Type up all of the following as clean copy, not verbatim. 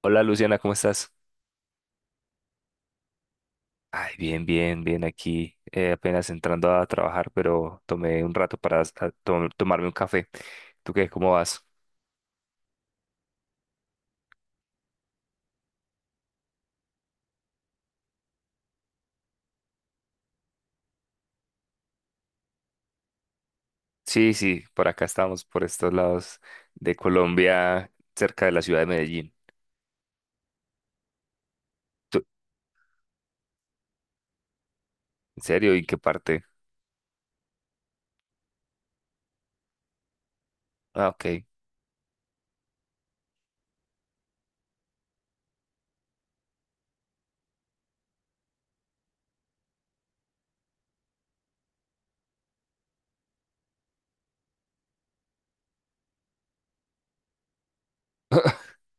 Hola, Luciana, ¿cómo estás? Ay, bien, bien, bien aquí, apenas entrando a trabajar, pero tomé un rato para tomarme un café. ¿Tú qué? ¿Cómo vas? Sí, sí, por acá estamos, por estos lados de Colombia, cerca de la ciudad de Medellín. ¿Tú- ¿En serio? ¿Y en qué parte? Ah, ok.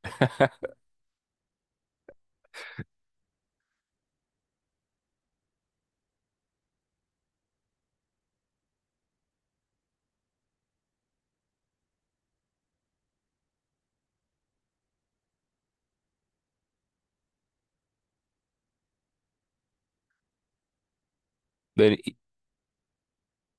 Ven,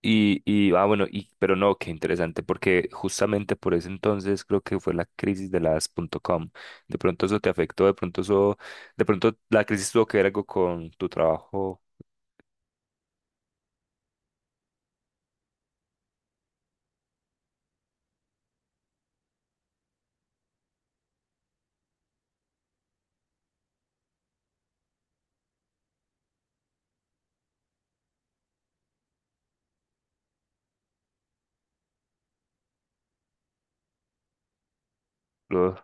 Pero no, qué interesante, porque justamente por ese entonces creo que fue la crisis de las punto .com. De pronto eso te afectó, de pronto eso, de pronto la crisis tuvo que ver algo con tu trabajo. lo-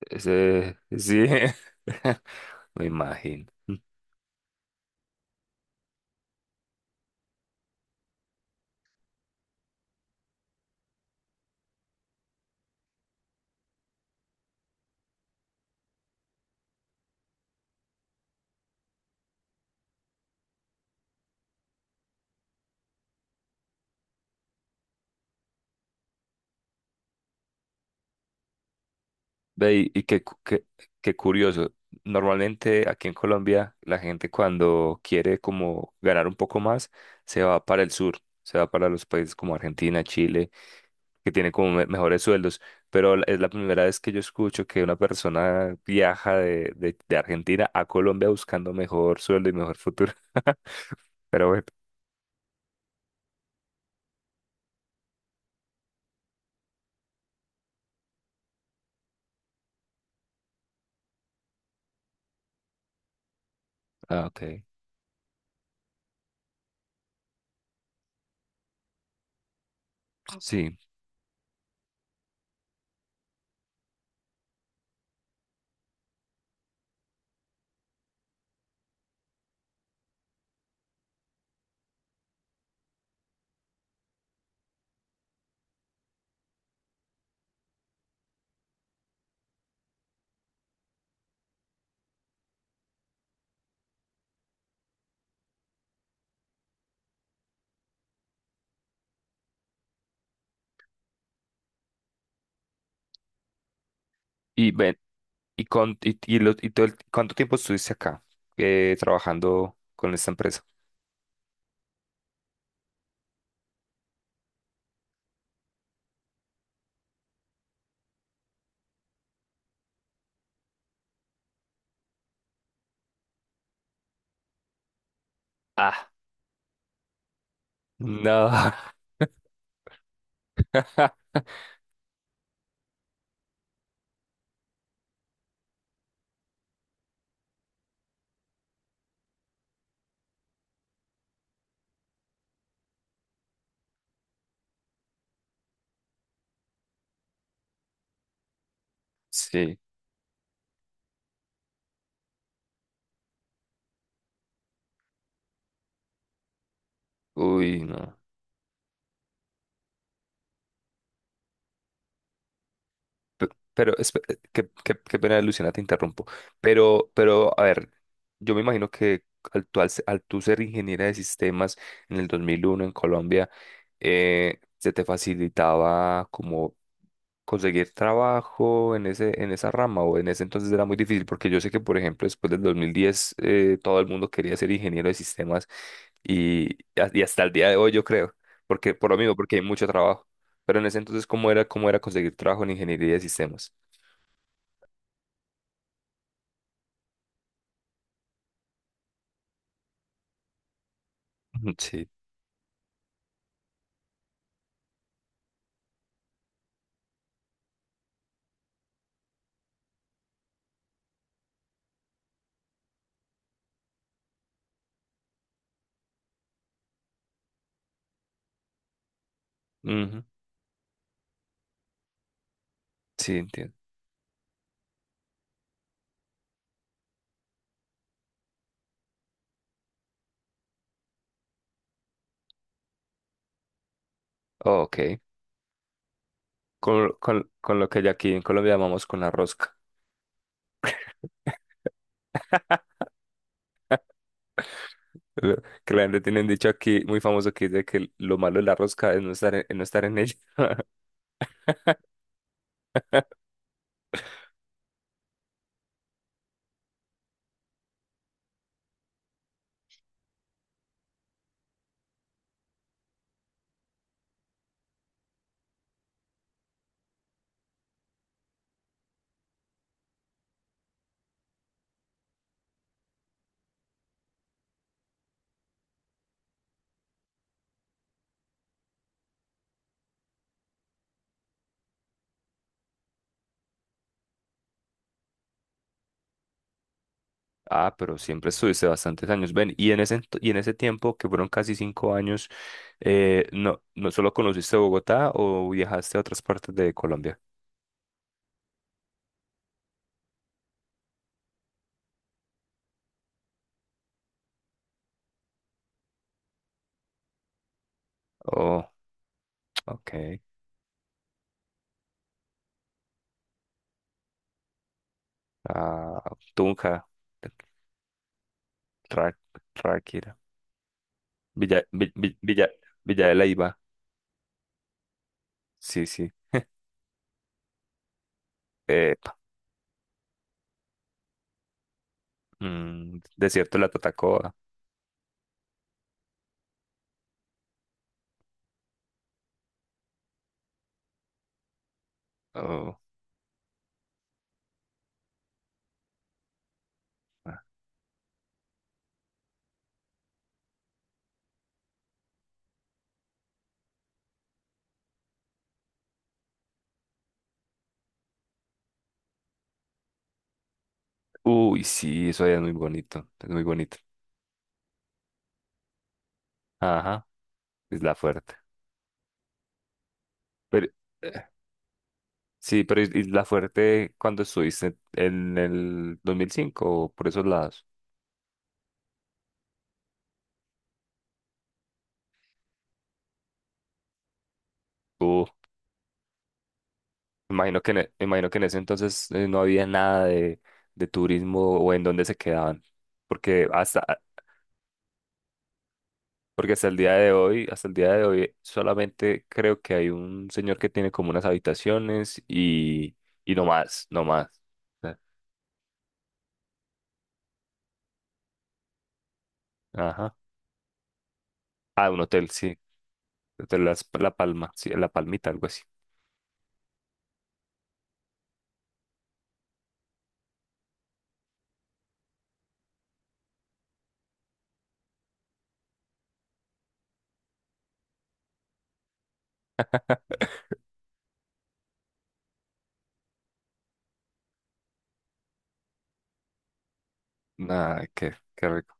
Ese, sí. Me imagino. Ve, y qué, cu- qué, Qué curioso. Normalmente aquí en Colombia la gente, cuando quiere como ganar un poco más, se va para el sur, se va para los países como Argentina, Chile, que tiene como mejores sueldos, pero es la primera vez que yo escucho que una persona viaja de Argentina a Colombia buscando mejor sueldo y mejor futuro. Pero bueno. Ah, ok. Sí. Y ven, y con y, lo- y todo el- ¿cuánto tiempo estuviste acá trabajando con esta empresa? Ah, no. Sí. Uy, no. Pe- Pero, qué pena, Luciana, te interrumpo. A ver, yo me imagino que al tú ser ingeniera de sistemas en el 2001 en Colombia, ¿se te facilitaba como conseguir trabajo en ese, en esa rama, o en ese entonces era muy difícil? Porque yo sé que, por ejemplo, después del 2010, todo el mundo quería ser ingeniero de sistemas y, y hasta el día de hoy, yo creo, porque por lo mismo, porque hay mucho trabajo. Pero en ese entonces, cómo era conseguir trabajo en ingeniería de sistemas? Ujú. Sí, ujú. Sí, entiendo. Ok. Con lo que ya aquí en Colombia llamamos con la rosca. Lo- Que la gente tiene un dicho aquí muy famoso que dice que lo malo de la rosca es no estar en, no estar en ella. Ah, pero siempre estuviste bastantes años. Ven, y en ese, y en ese tiempo, que fueron casi cinco años, ¿no solo conociste Bogotá o viajaste a otras partes de Colombia? Oh, ok. Ah, Tunja. Tra- Ráquira, Villa, Vi- Vi- Villa, Villa de Leyva. Sí, sí. Epa. Mm, desierto de la Tatacoa. Oh, ah. Uy, sí, eso allá es muy bonito. Es muy bonito. Ajá, Isla Fuerte. Pero, eh, sí, pero Isla Fuerte, ¿cuando estuviste en el 2005 o por esos lados? Uh, imagino que imagino que en ese entonces no había nada de, de turismo, o ¿en dónde se quedaban? Porque hasta, porque hasta el día de hoy, hasta el día de hoy, solamente creo que hay un señor que tiene como unas habitaciones, y no más, no más. O sea. Ajá. Ah, un hotel, sí. Hotel La Palma, sí, La Palmita, algo así. Ah, qué, qué rico.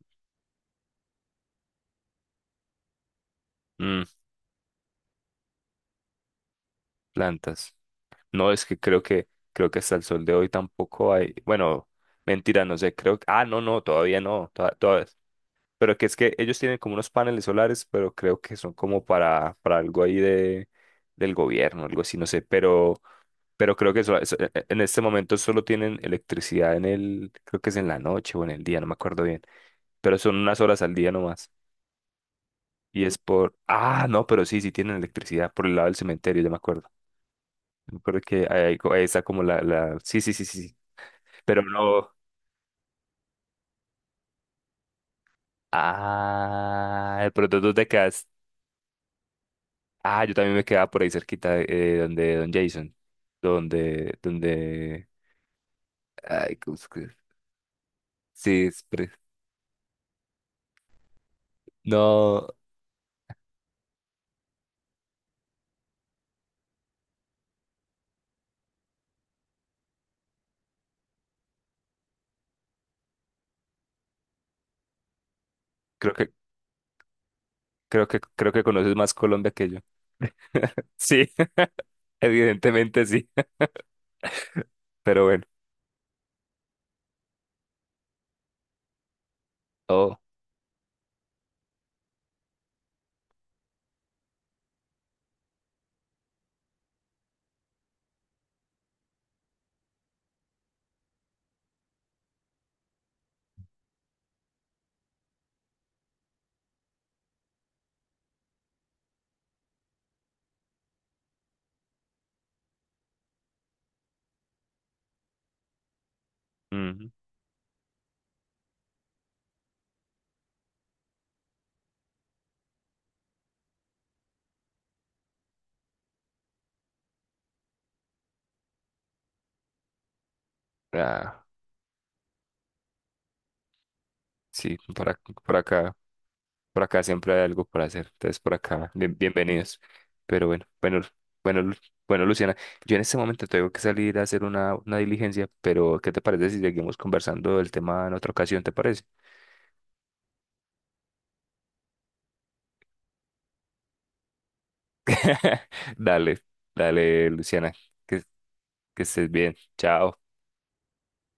Mm, plantas. No, es que creo que, creo que hasta el sol de hoy tampoco hay. Bueno, mentira, no sé, creo que. Ah, no, no, todavía no. Pero que es que ellos tienen como unos paneles solares, pero creo que son como para algo ahí de, del gobierno, algo así, no sé. Pero creo que en este momento solo tienen electricidad en el, creo que es en la noche o en el día, no me acuerdo bien. Pero son unas horas al día nomás. Y es por, ah, no, pero sí, sí tienen electricidad por el lado del cementerio, ya me acuerdo. Me acuerdo que ahí, hay ahí está como la, sí, sí, sí, sí, sí. Pero no, ah, de pronto tú te quedaste. Ah, yo también me quedaba por ahí cerquita, donde Don Jason. Donde, donde. Ay, ¿cómo es que- Sí, es no, creo que, creo que, creo que conoces más Colombia que yo. Sí, evidentemente sí. Pero bueno. Oh. Ujú. Ah, sí, por, por acá. Por acá siempre hay algo para hacer. Entonces, por acá, bienvenidos. Pero bueno, bueno, bueno, bueno, Luciana, yo en este momento tengo que salir a hacer una diligencia, pero ¿qué te parece si seguimos conversando del tema en otra ocasión? ¿Te parece? Dale, dale, Luciana, que, que estés bien. Chao.